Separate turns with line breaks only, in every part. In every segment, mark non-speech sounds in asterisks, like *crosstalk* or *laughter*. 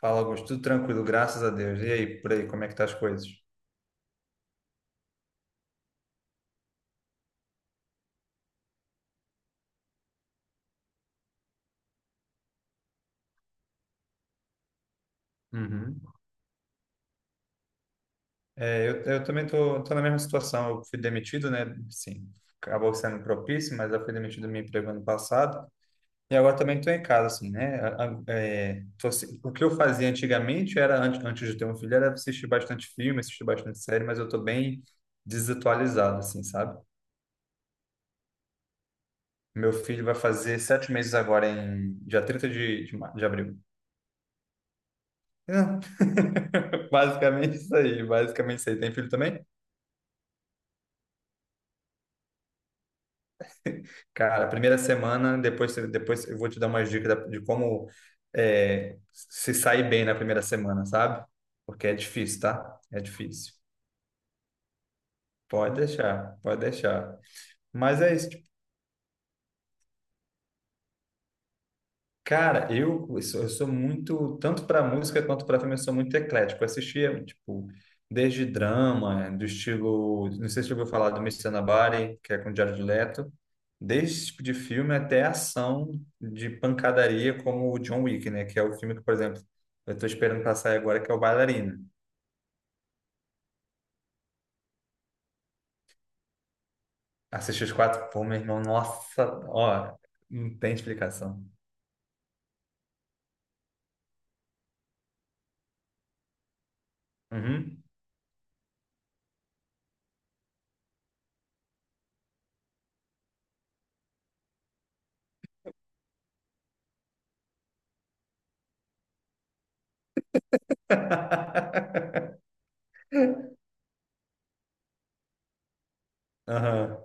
Fala, Augusto. Tudo tranquilo, graças a Deus. E aí, por aí, como é que tá as coisas? Uhum. Eu também tô na mesma situação. Eu fui demitido, né? Sim, acabou sendo propício, mas eu fui demitido do meu emprego ano passado. E agora também tô em casa, assim, né? O que eu fazia antigamente era, antes de ter um filho, era assistir bastante filme, assistir bastante série, mas eu tô bem desatualizado, assim, sabe? Meu filho vai fazer sete meses agora, em dia 30 de, de abril. Não. *laughs* Basicamente isso aí, basicamente isso aí. Tem filho também? *laughs* Cara, primeira semana, depois eu vou te dar umas dicas de como é, se sair bem na primeira semana, sabe? Porque é difícil, tá? É difícil. Pode deixar, pode deixar. Mas é isso, tipo. Cara, eu sou muito, tanto para música quanto para filme, eu sou muito eclético. Eu assistia, tipo, desde drama, do estilo, não sei se você ouviu falar do Mr. Nobody, que é com Jared Leto, desde esse tipo de filme até ação de pancadaria, como o John Wick, né? Que é o filme que, por exemplo, eu tô esperando pra sair agora, que é o Bailarina. Assisti os quatro, pô, meu irmão, nossa, ó, não tem explicação. Uhum. *laughs* Aham.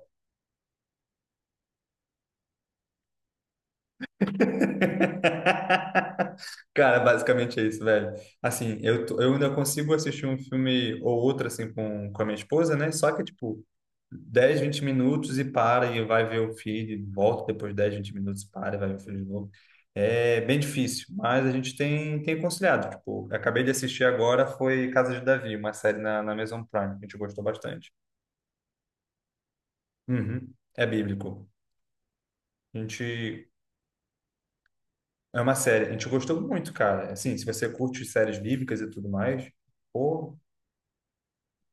*laughs* Cara, basicamente é isso, velho. Assim, eu ainda consigo assistir um filme ou outro, assim, com a minha esposa, né? Só que, tipo, 10 20 minutos e para, e vai ver o filho, volta depois de 10, 20 minutos, para e vai ver o filho de novo. É bem difícil, mas a gente tem, tem conciliado. Tipo, eu acabei de assistir agora, foi Casa de Davi, uma série na, na Amazon Prime, que a gente gostou bastante. Uhum. É bíblico. A gente... É uma série. A gente gostou muito, cara. Assim, se você curte séries bíblicas e tudo mais, pô,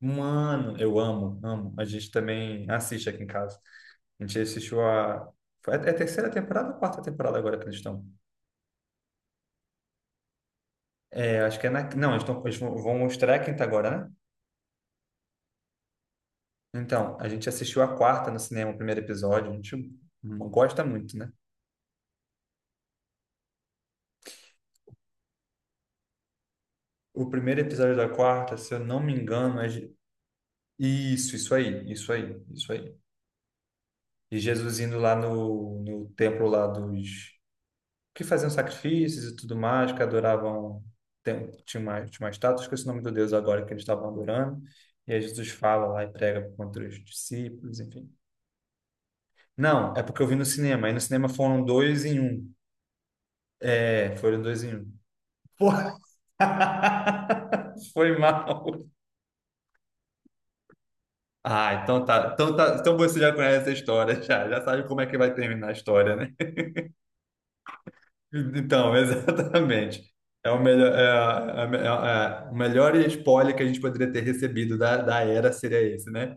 mano, eu amo, amo. A gente também assiste aqui em casa. A gente assistiu a... É a terceira temporada ou a quarta temporada agora que eles estão? É, acho que é na... Não, eles tão, eles vão mostrar a quinta agora, né? Então, a gente assistiu a quarta no cinema, o primeiro episódio. A gente gosta muito, né? O primeiro episódio da quarta, se eu não me engano, é... Isso, isso aí, isso aí, isso aí. E Jesus indo lá no, no templo lá dos que faziam sacrifícios e tudo mais, que adoravam, tinha uma estátua, esqueci o nome do Deus agora que eles estavam adorando, e aí Jesus fala lá e prega contra os discípulos, enfim. Não, é porque eu vi no cinema, aí no cinema foram dois em um. É, foram dois em um. Pô. *laughs* Foi mal. Ah, então tá. Então tá. Então você já conhece a história, já. Já sabe como é que vai terminar a história, né? Então, *laughs* exatamente. É o melhor, o melhor spoiler que a gente poderia ter recebido da, da era seria esse, né?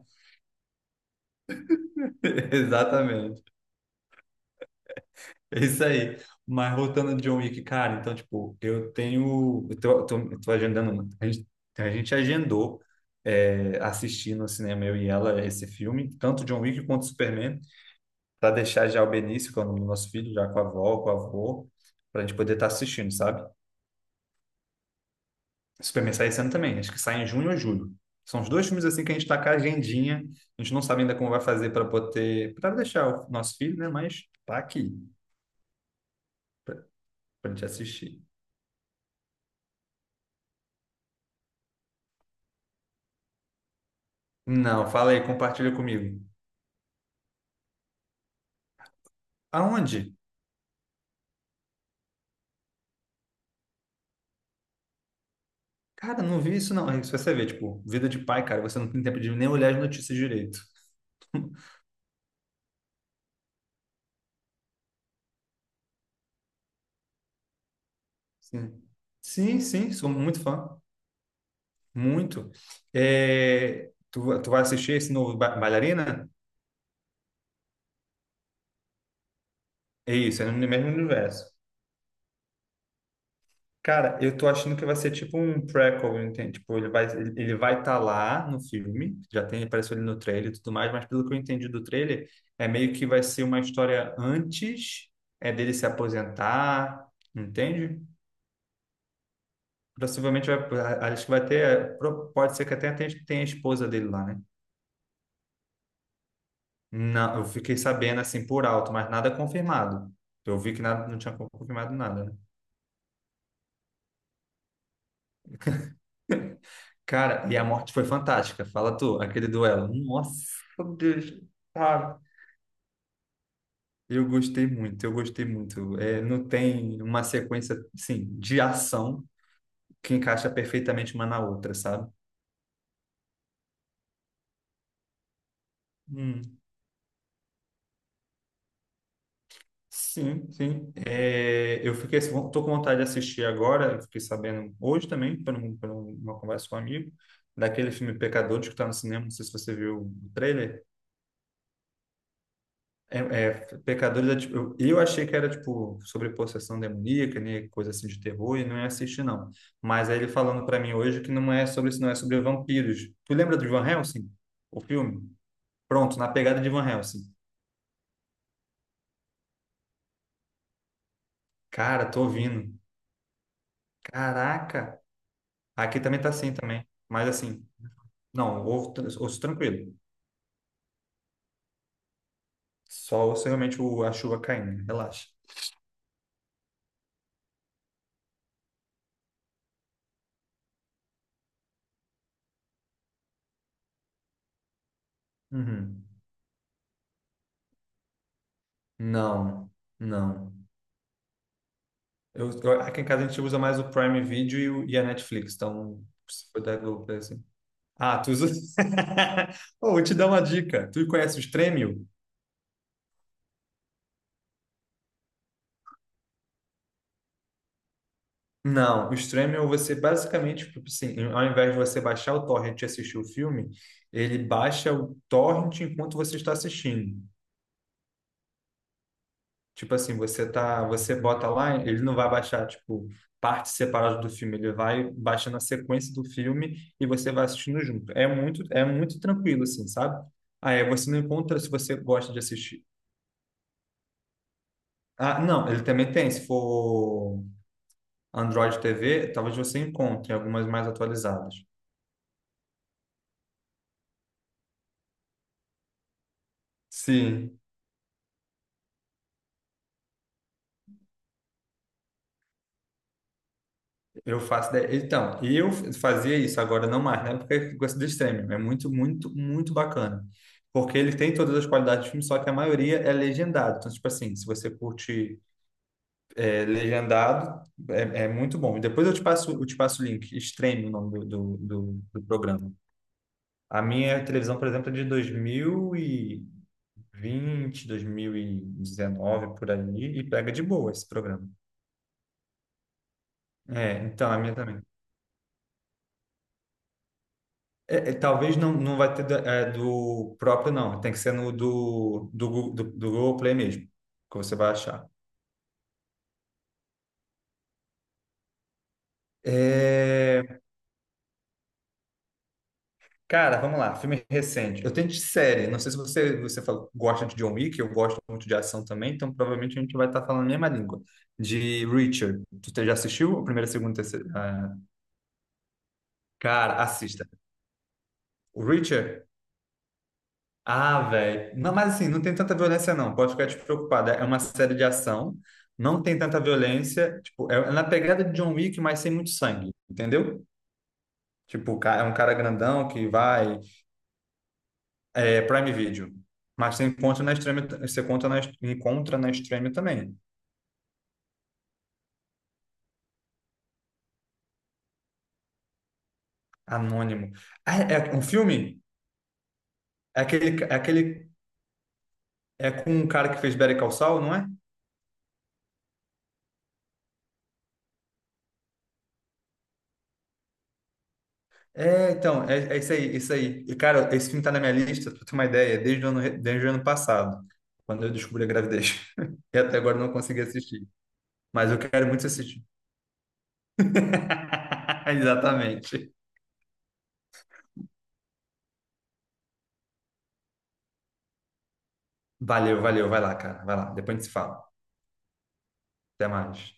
*laughs* Exatamente. É isso aí. Mas voltando de John Wick, cara, então, tipo, eu tenho... eu tô agendando a gente, a gente agendou, é, assistir no cinema, eu e ela, esse filme, tanto John Wick quanto Superman, para deixar já o Benício, que é o nome do nosso filho, já com a avó, com o avô, para a gente poder estar assistindo, sabe? Superman sai esse ano também, acho que sai em junho ou julho. São os dois filmes assim que a gente está com a agendinha. A gente não sabe ainda como vai fazer para poder, para deixar o nosso filho, né? Mas tá aqui para a gente assistir. Não, fala aí, compartilha comigo. Aonde? Cara, não vi isso não. Aí você vê, tipo, vida de pai, cara, você não tem tempo de nem olhar as notícias direito. *laughs* Sim, sim, sim, sou muito fã, muito. É, tu vai assistir esse novo Bailarina? É isso, é no mesmo universo. Cara, eu tô achando que vai ser tipo um prequel, entende? Tipo, ele vai estar lá no filme, já tem, apareceu ele no trailer e tudo mais, mas pelo que eu entendi do trailer, é meio que vai ser uma história antes é dele se aposentar, entende? Possivelmente vai, acho que vai ter, é, pode ser que até tenha, tenha a esposa dele lá, né? Não, eu fiquei sabendo assim por alto, mas nada confirmado. Eu vi que nada, não tinha confirmado nada, né? Cara, e a morte foi fantástica. Fala tu, aquele duelo. Nossa, meu Deus, cara. Eu gostei muito, eu gostei muito. É, não tem uma sequência, assim, de ação que encaixa perfeitamente uma na outra, sabe? Hum, sim, sim. É, eu fiquei, assim, tô com vontade de assistir agora, eu fiquei sabendo hoje também, por, uma conversa com um amigo, daquele filme Pecadores que tá no cinema, não sei se você viu o trailer. É, é, Pecadores é tipo... eu achei que era tipo sobre possessão demoníaca, né? Coisa assim de terror, e não ia assistir, não. Mas aí ele falando pra mim hoje que não é sobre isso, não é sobre vampiros. Tu lembra do Van Helsing? O filme? Pronto, na pegada de Van Helsing. Cara, tô ouvindo. Caraca! Aqui também tá assim também. Mas assim, não, ouço, ouço tranquilo. Só ouço realmente o, a chuva caindo. Relaxa. Uhum. Não, não. Aqui em casa a gente usa mais o Prime Video e, e a Netflix, então se for da Globoplay, assim. Ah, tu usa... *laughs* Oh, vou te dar uma dica. Tu conhece o Stremio? Não, o Stremio você basicamente, tipo assim, ao invés de você baixar o torrent e assistir o filme, ele baixa o torrent enquanto você está assistindo. Tipo assim, você tá, você bota lá, ele não vai baixar, tipo, partes separadas do filme, ele vai baixando a sequência do filme e você vai assistindo junto. É muito tranquilo, assim, sabe? Aí você não encontra se você gosta de assistir. Ah, não, ele também tem, se for Android TV, talvez você encontre algumas mais atualizadas. Sim. Então, eu fazia isso, agora não mais, né? Porque eu gosto do streaming. É muito bacana. Porque ele tem todas as qualidades de filme, só que a maioria é legendado. Então, tipo assim, se você curte é, legendado, é muito bom. E depois eu te passo o link. Stream, o nome do do programa. A minha televisão, por exemplo, é de dois mil e vinte, dois mil e 2019, por ali, e pega de boa esse programa. É, então, a minha também. É, é, talvez não, não vai ter do, é, do próprio, não. Tem que ser no do, do Google Play mesmo, que você vai achar. É, cara, vamos lá. Filme recente. Eu tenho de série. Não sei se você, gosta de John Wick, eu gosto muito de ação também, então provavelmente a gente vai estar falando a mesma língua. De Richard. Tu já assistiu a primeira, segunda, terceira? Ah, cara, assista. O Richard... Ah, velho. Não, mas assim, não tem tanta violência, não. Pode ficar despreocupada. É uma série de ação, não tem tanta violência. Tipo, é na pegada de John Wick, mas sem muito sangue, entendeu? Tipo, é um cara grandão que vai. É Prime Video. Mas você encontra na Extreme, encontra na Extreme também. Anônimo. Ah, é um filme? É aquele, é aquele. É com um cara que fez Better Call Saul, não é? É isso aí, isso aí. E, cara, esse filme tá na minha lista, pra ter uma ideia, desde o ano, desde o ano passado, quando eu descobri a gravidez. *laughs* E até agora eu não consegui assistir. Mas eu quero muito assistir. *laughs* Exatamente. Valeu, valeu. Vai lá, cara. Vai lá. Depois a gente se fala. Até mais.